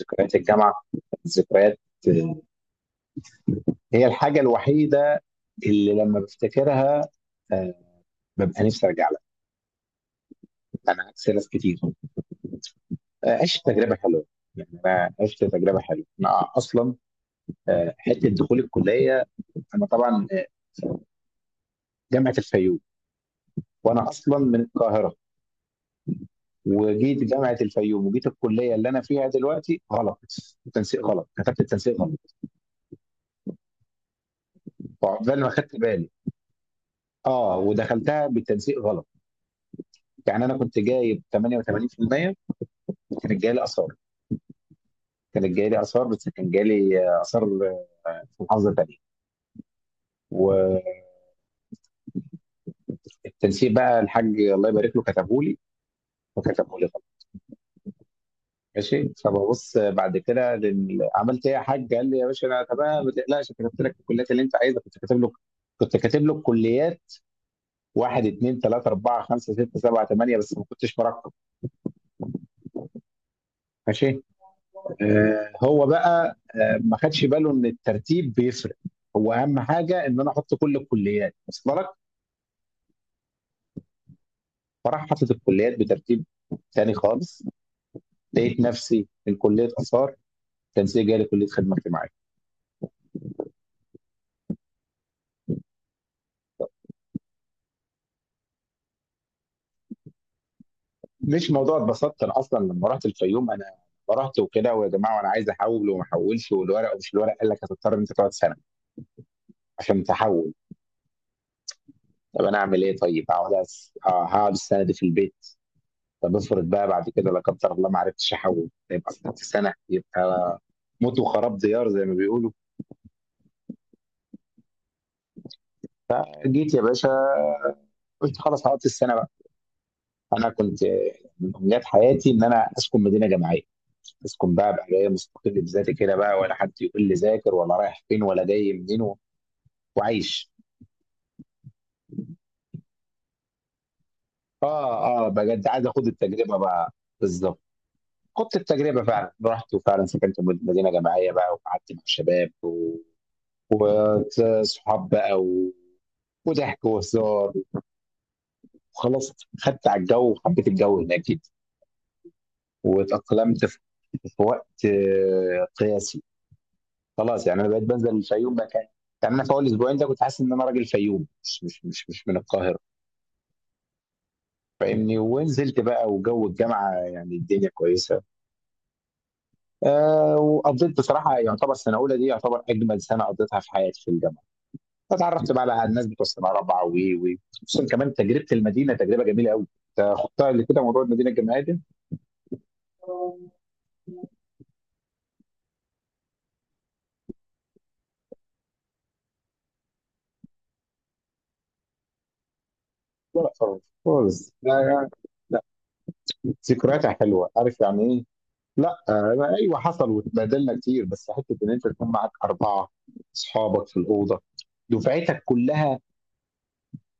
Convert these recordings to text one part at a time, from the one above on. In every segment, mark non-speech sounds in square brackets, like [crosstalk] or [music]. ذكريات الجامعة كانت ذكريات. هي الحاجة الوحيدة اللي لما بفتكرها، آه، ببقى نفسي ارجع لها. انا عكس ناس كتير. عشت تجربة حلوة. يعني انا عشت تجربه حلوه. انا اصلا حته دخول الكليه، انا طبعا جامعه الفيوم. وانا اصلا من القاهره، وجيت جامعه الفيوم، وجيت الكليه اللي انا فيها دلوقتي غلط. التنسيق غلط، كتبت التنسيق غلط. فعقبال ما خدت بالي، اه، ودخلتها بتنسيق غلط. يعني انا كنت جايب 88%. كانت جايه لي اثار، كانت جايه لي اثار، بس كان جالي اثار في محافظه تانيه، والتنسيق بقى الحاج الله يبارك له كتبه لي، وكتبه لي غلط. ماشي، فببص بعد كده عملت ايه يا حاج؟ قال لي: يا باشا انا تمام، ما تقلقش، كتبت لك الكليات اللي انت عايزها. كنت كاتب له، كنت كاتب له الكليات: واحد اثنين ثلاثة أربعة خمسة ستة سبعة ثمانية، بس ما كنتش مرقم. ماشي. آه، هو بقى آه ما خدش باله إن الترتيب بيفرق. هو أهم حاجة إن أنا أحط كل الكليات، وصل لك؟ فراح حاطط الكليات بترتيب تاني خالص. لقيت نفسي من كليه اثار، تنسيق جالي كليه خدمه اجتماعيه. مش موضوع اتبسطت، انا اصلا لما رحت الفيوم انا رحت وكده، ويا جماعه، وانا عايز احول وما احولش، والورق ومش الورق، قال لك هتضطر ان انت تقعد سنه عشان تحول. طب انا اعمل ايه؟ طيب هقعد أس... آه، هقعد السنه دي في البيت. طب افرض بقى بعد كده لا قدر الله ما عرفتش احول، يبقى قعدت سنه، يبقى موت وخراب ديار زي ما بيقولوا. جيت يا باشا، قلت خلاص هقضي السنه. انا كنت من امنيات حياتي ان انا اسكن مدينه جامعيه، اسكن بقى، ابقى جاي مستقل بذاتي كده بقى، ولا حد يقول لي ذاكر، ولا رايح فين، ولا جاي منين، وعايش. اه اه، بجد عايز اخد التجربه بقى. بالظبط. خدت التجربه فعلا، رحت وفعلا سكنت في مدينه جامعيه بقى، وقعدت مع شباب وصحاب بقى وضحك وهزار وخلاص. خدت على الجو وحبيت الجو هناك جدا، واتأقلمت في في وقت قياسي. خلاص يعني انا بقيت بنزل الفيوم مكان. يعني انا في اول اسبوعين ده كنت حاسس ان انا راجل فيوم، مش من القاهره. فاهمني؟ ونزلت بقى وجو الجامعه، يعني الدنيا كويسه. آه، وقضيت بصراحه يعتبر سنه اولى دي يعتبر اجمل سنه قضيتها في حياتي في الجامعه. فتعرفت بقى على الناس بتوع سنه رابعه خصوصا كمان تجربه المدينه، تجربه جميله قوي. انت خدتها اللي كده موضوع المدينه الجامعيه دي؟ لا خالص خالص، لا لا. لا. ذكرياتها حلوه، عارف يعني إيه؟ لا ايوه حصل واتبادلنا كتير، بس حته ان انت تكون معاك اربعه اصحابك في الاوضه، دفعتك كلها.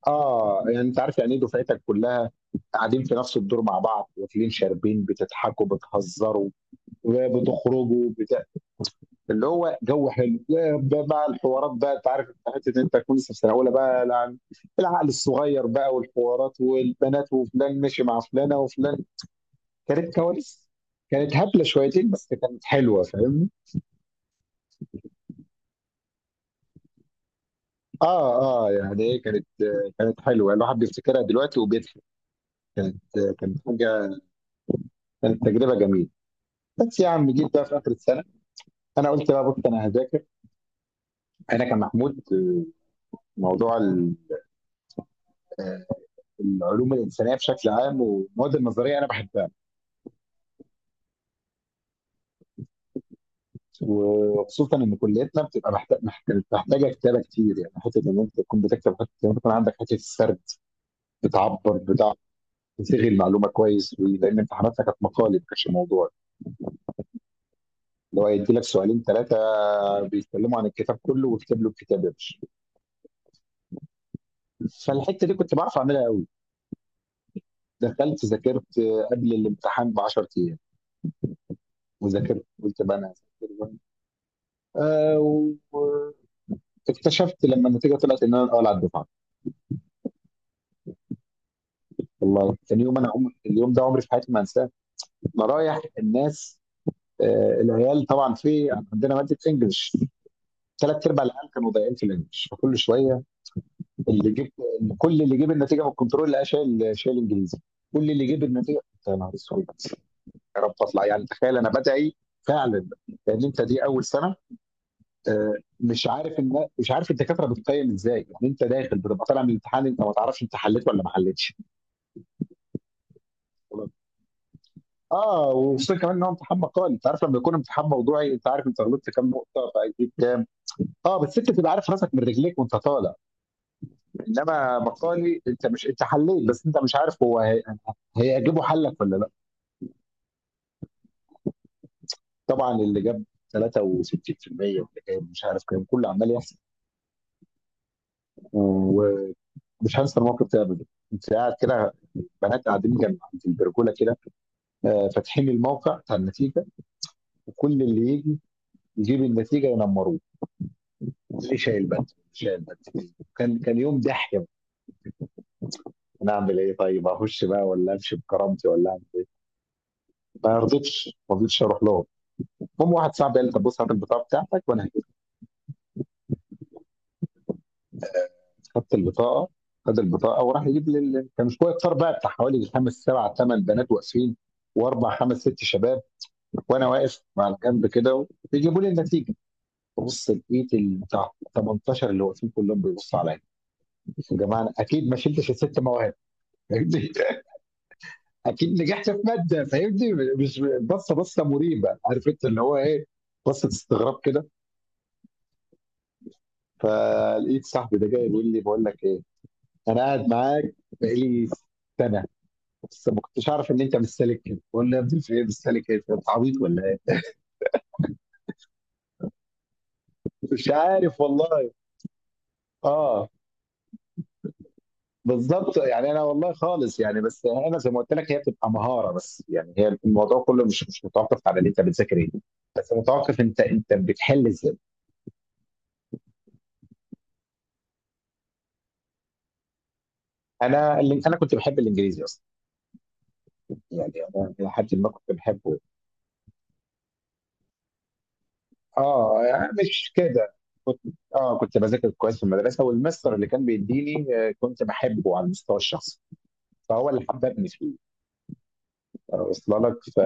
اه، يعني انت عارف يعني ايه دفعتك كلها قاعدين في نفس الدور مع بعض، واكلين شاربين، بتضحكوا بتهزروا، بتخرجوا بتا... اللي هو جو حلو. ده بقى الحوارات بقى، انت عارف انت حته ان انت تكون لسه في سنه اولى بقى، العقل الصغير بقى، والحوارات والبنات، وفلان مشي مع فلانه وفلان. كانت كواليس، كانت هبله شويتين، بس كانت حلوه، فاهم؟ اه اه. يعني إيه، كانت كانت حلوه، الواحد بيفتكرها دلوقتي وبيضحك. كانت كانت حاجه، كانت تجربه جميله. بس يا عم، جيت بقى في اخر السنه انا قلت بقى بص انا هذاكر. انا كمحمود موضوع آه، العلوم الانسانيه بشكل عام والمواد النظريه انا بحبها، وخصوصا ان كليتنا بتبقى محتاجه كتابه كتير، يعني حته ان انت تكون بتكتب، حته ان انت يكون عندك حته السرد، بتعبر بتاع، تصيغ المعلومه كويس، لان امتحاناتنا كانت مقالب، ما كانش موضوع اللي هو يدي لك سؤالين ثلاثه بيتكلموا عن الكتاب كله، وكتب له الكتاب يا باشا. فالحته دي كنت بعرف اعملها قوي. دخلت ذاكرت قبل الامتحان ب 10 ايام وذاكرت. قلت بقى انا هذاكر بقى. آه، واكتشفت لما النتيجه طلعت ان انا الاول على الدفعه. والله كان يوم، انا عمري، اليوم ده عمري في حياتي ما انساه. انا رايح الناس، آه، العيال طبعا في عندنا ماده انجلش. ثلاث ارباع العيال كانوا ضايعين في الانجلش، فكل شويه اللي جيب، كل اللي جيب النتيجه من الكنترول لقى شايل، شايل انجليزي. كل اللي جيب النتيجه، يا نهار اسود. يا رب اطلع، يعني تخيل انا بدعي فعلا، لان انت دي اول سنه، آه، مش عارف ان، مش عارف الدكاتره بتقيم ازاي. يعني انت داخل بتبقى طالع من الامتحان انت ما تعرفش انت حليت ولا ما حليتش. اه، وخصوصا كمان ان هو امتحان مقالي. انت عارف لما يكون امتحان موضوعي انت عارف انت غلطت كام نقطه فهتجيب كام. اه، بس انت تبقى عارف راسك من رجليك وانت طالع. انما مقالي انت مش، انت حليت بس انت مش عارف هو هيعجبه حلك ولا لا. طبعا اللي جاب 63%، واللي جايب مش عارف كام، كله عمال يحصل. ومش هنسى الموقف ده ابدا. كنت قاعد كده، بنات قاعدين جنب عند البرجوله كده، فاتحين الموقع بتاع النتيجه، وكل اللي يجي يجيب النتيجه ينمروه. اللي شايل بدل، شايل بدل. كان كان يوم ضحك. انا اعمل ايه؟ طيب اخش بقى، ولا امشي بكرامتي، ولا أعمل إيه؟ ما رضيتش ما رضيتش اروح لهم. المهم واحد صاحبي قال لي: طب بص هات البطاقه بتاعتك وانا هجيب. خدت البطاقه، خد البطاقه وراح يجيب لي كان شويه كتار بقى بتاع حوالي خمس سبع ثمان بنات واقفين، واربع خمس ست شباب، وانا واقف على جنب كده، بيجيبوا لي النتيجه. ببص لقيت البتاع 18 اللي واقفين كلهم بيبصوا عليا. يا جماعه، أنا اكيد ما شلتش الست مواهب، فاهمني؟ [laughs] اكيد نجحت في ماده، فاهمني؟ مش بصه، بصه مريبه، عارف انت اللي هو ايه، بصه استغراب كده. فلقيت صاحبي ده جاي بيقول لي: بقول لك ايه، انا قاعد معاك بقالي سنه بس ما كنتش اعرف ان انت مش سالك كده. بقول له: يا ابني في ايه؟ مش سالك ايه؟ انت عبيط ولا ايه؟ مش عارف والله. اه بالضبط، يعني أنا والله خالص. يعني بس أنا زي ما قُلت لك هي بتبقى مهارة بس، يعني هي الموضوع كلّه مش متوقّف على إن أنت بتذاكر إيه، بس متوقّف أنت، أنت بتحِل إزاي. أنا أنا كنت باحب الإنجليزي أصلًا، يعني أنا إلى حدٍ ما كنت باحبه. يعني مش كده، كنت كنت باذاكر كويس في المدرسة، والMaster اللي كان بيدّيني، كنت باحبه على المستوى الشخصي، فهو اللي حبّبني فيه، واصلة لك؟ ف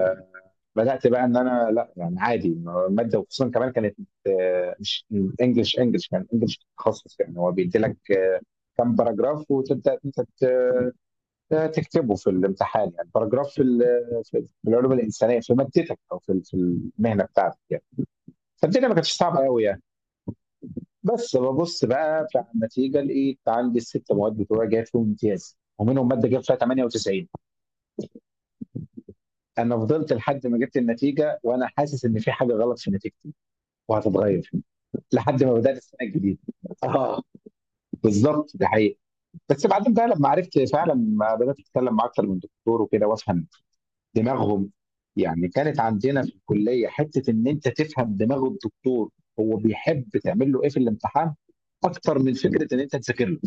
بدات بقى ان انا لا، يعني عادي ماده، وخصوصا كمان كانت مش انجلش انجلش، كان انجلش تخصص. يعني هو بيدي لك كم باراجراف وتبدا انت تكتبه في الامتحان، يعني باراجراف في في العلوم الانسانيه في مادتك او في المهنه بتاعتك يعني. فالدنيا ما كانتش صعبه قوي يعني. بس ببص بقى بتاع النتيجه لقيت عندي الست مواد بتوعي جايب فيهم امتياز، ومنهم ماده جايب فيها 98. انا فضلت لحد ما جبت النتيجه وانا حاسس ان في حاجه غلط في نتيجتي وهتتغير، لحد ما بدأنا السنة الجديدة. اه، بالظبط ده حقيقي. بس بعدين بقى لما عرفت فعلا، ما بدأت أتكلم مع أكتر من دكتور وكده، وأفهم دماغهم. يعني كانت عندنا في الكلية حتة إن أنت تفهم دماغ الدكتور، هو بيحب تعمل له إيه في الامتحان أكتر من فكرة إن أنت تذاكر له.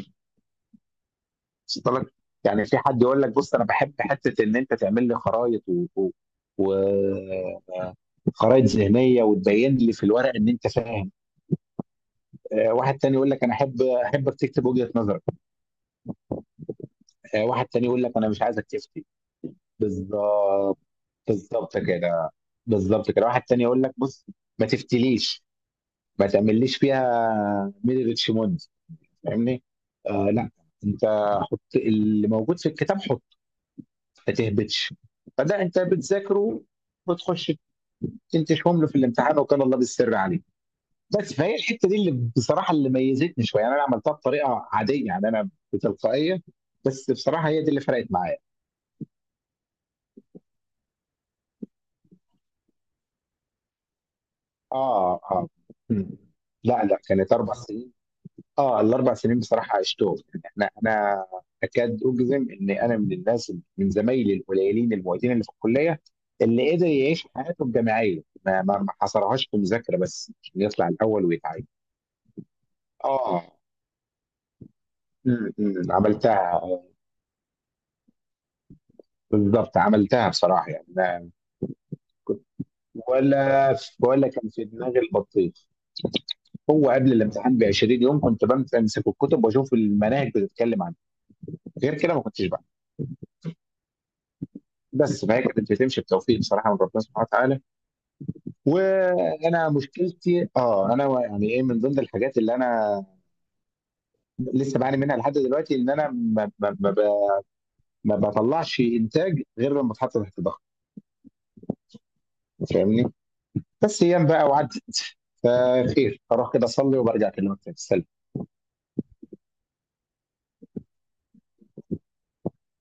وصلت لك؟ يعني في حد يقول لك: بص أنا بحب حتة إن أنت تعمل لي خرايط و... وخرائط ذهنيه، وتبين لي في الورق ان انت فاهم. واحد تاني يقول لك: انا احب، احبك تكتب وجهه نظر. واحد تاني يقول لك: انا مش عايزك تفتي. بالظبط. بالظبط كده، بالظبط كده. واحد تاني يقول لك: بص ما تفتليش، ما تعمليش فيها ميري ريتشموند، فاهمني؟ آه لا، انت حط اللي موجود في الكتاب، حط، ما تهبطش. فده انت بتذاكره، بتخش تنتشهم له في الامتحان، وكان الله بالسر عليه. بس فهي الحته دي اللي بصراحه اللي ميزتني شويه. يعني انا عملتها بطريقه عاديه، يعني انا بتلقائيه، بس بصراحه هي دي اللي فرقت معايا. اه اه. مم. لا لا، كانت اربع سنين. اه، الاربع سنين بصراحه عشتهم. يعني انا انا اكاد اجزم ان انا من الناس، من زمايلي القليلين المعيدين اللي في الكليه اللي قدر يعيش حياته الجامعيه، ما حصرهاش في مذاكره بس عشان يطلع الاول ويتعين. اه. مم، مم، عملتها بالظبط. عملتها بصراحه يعني أنا، ولا كان في دماغي البطيخ. هو قبل الامتحان ب 20 يوم كنت بمسك الكتب واشوف المناهج بتتكلم عنها، غير كده ما كنتش. بس فهي كانت بتمشي بتوفيق بصراحه من ربنا سبحانه وتعالى. وانا مشكلتي اه، انا يعني ايه، من ضمن الحاجات اللي انا لسه بعاني منها لحد دلوقتي ان انا ما بطلعش انتاج غير لما اتحط تحت ضغط، فاهمني؟ بس ايام بقى وعدت. فخير اروح كده اصلي وبرجع اكلمك تاني.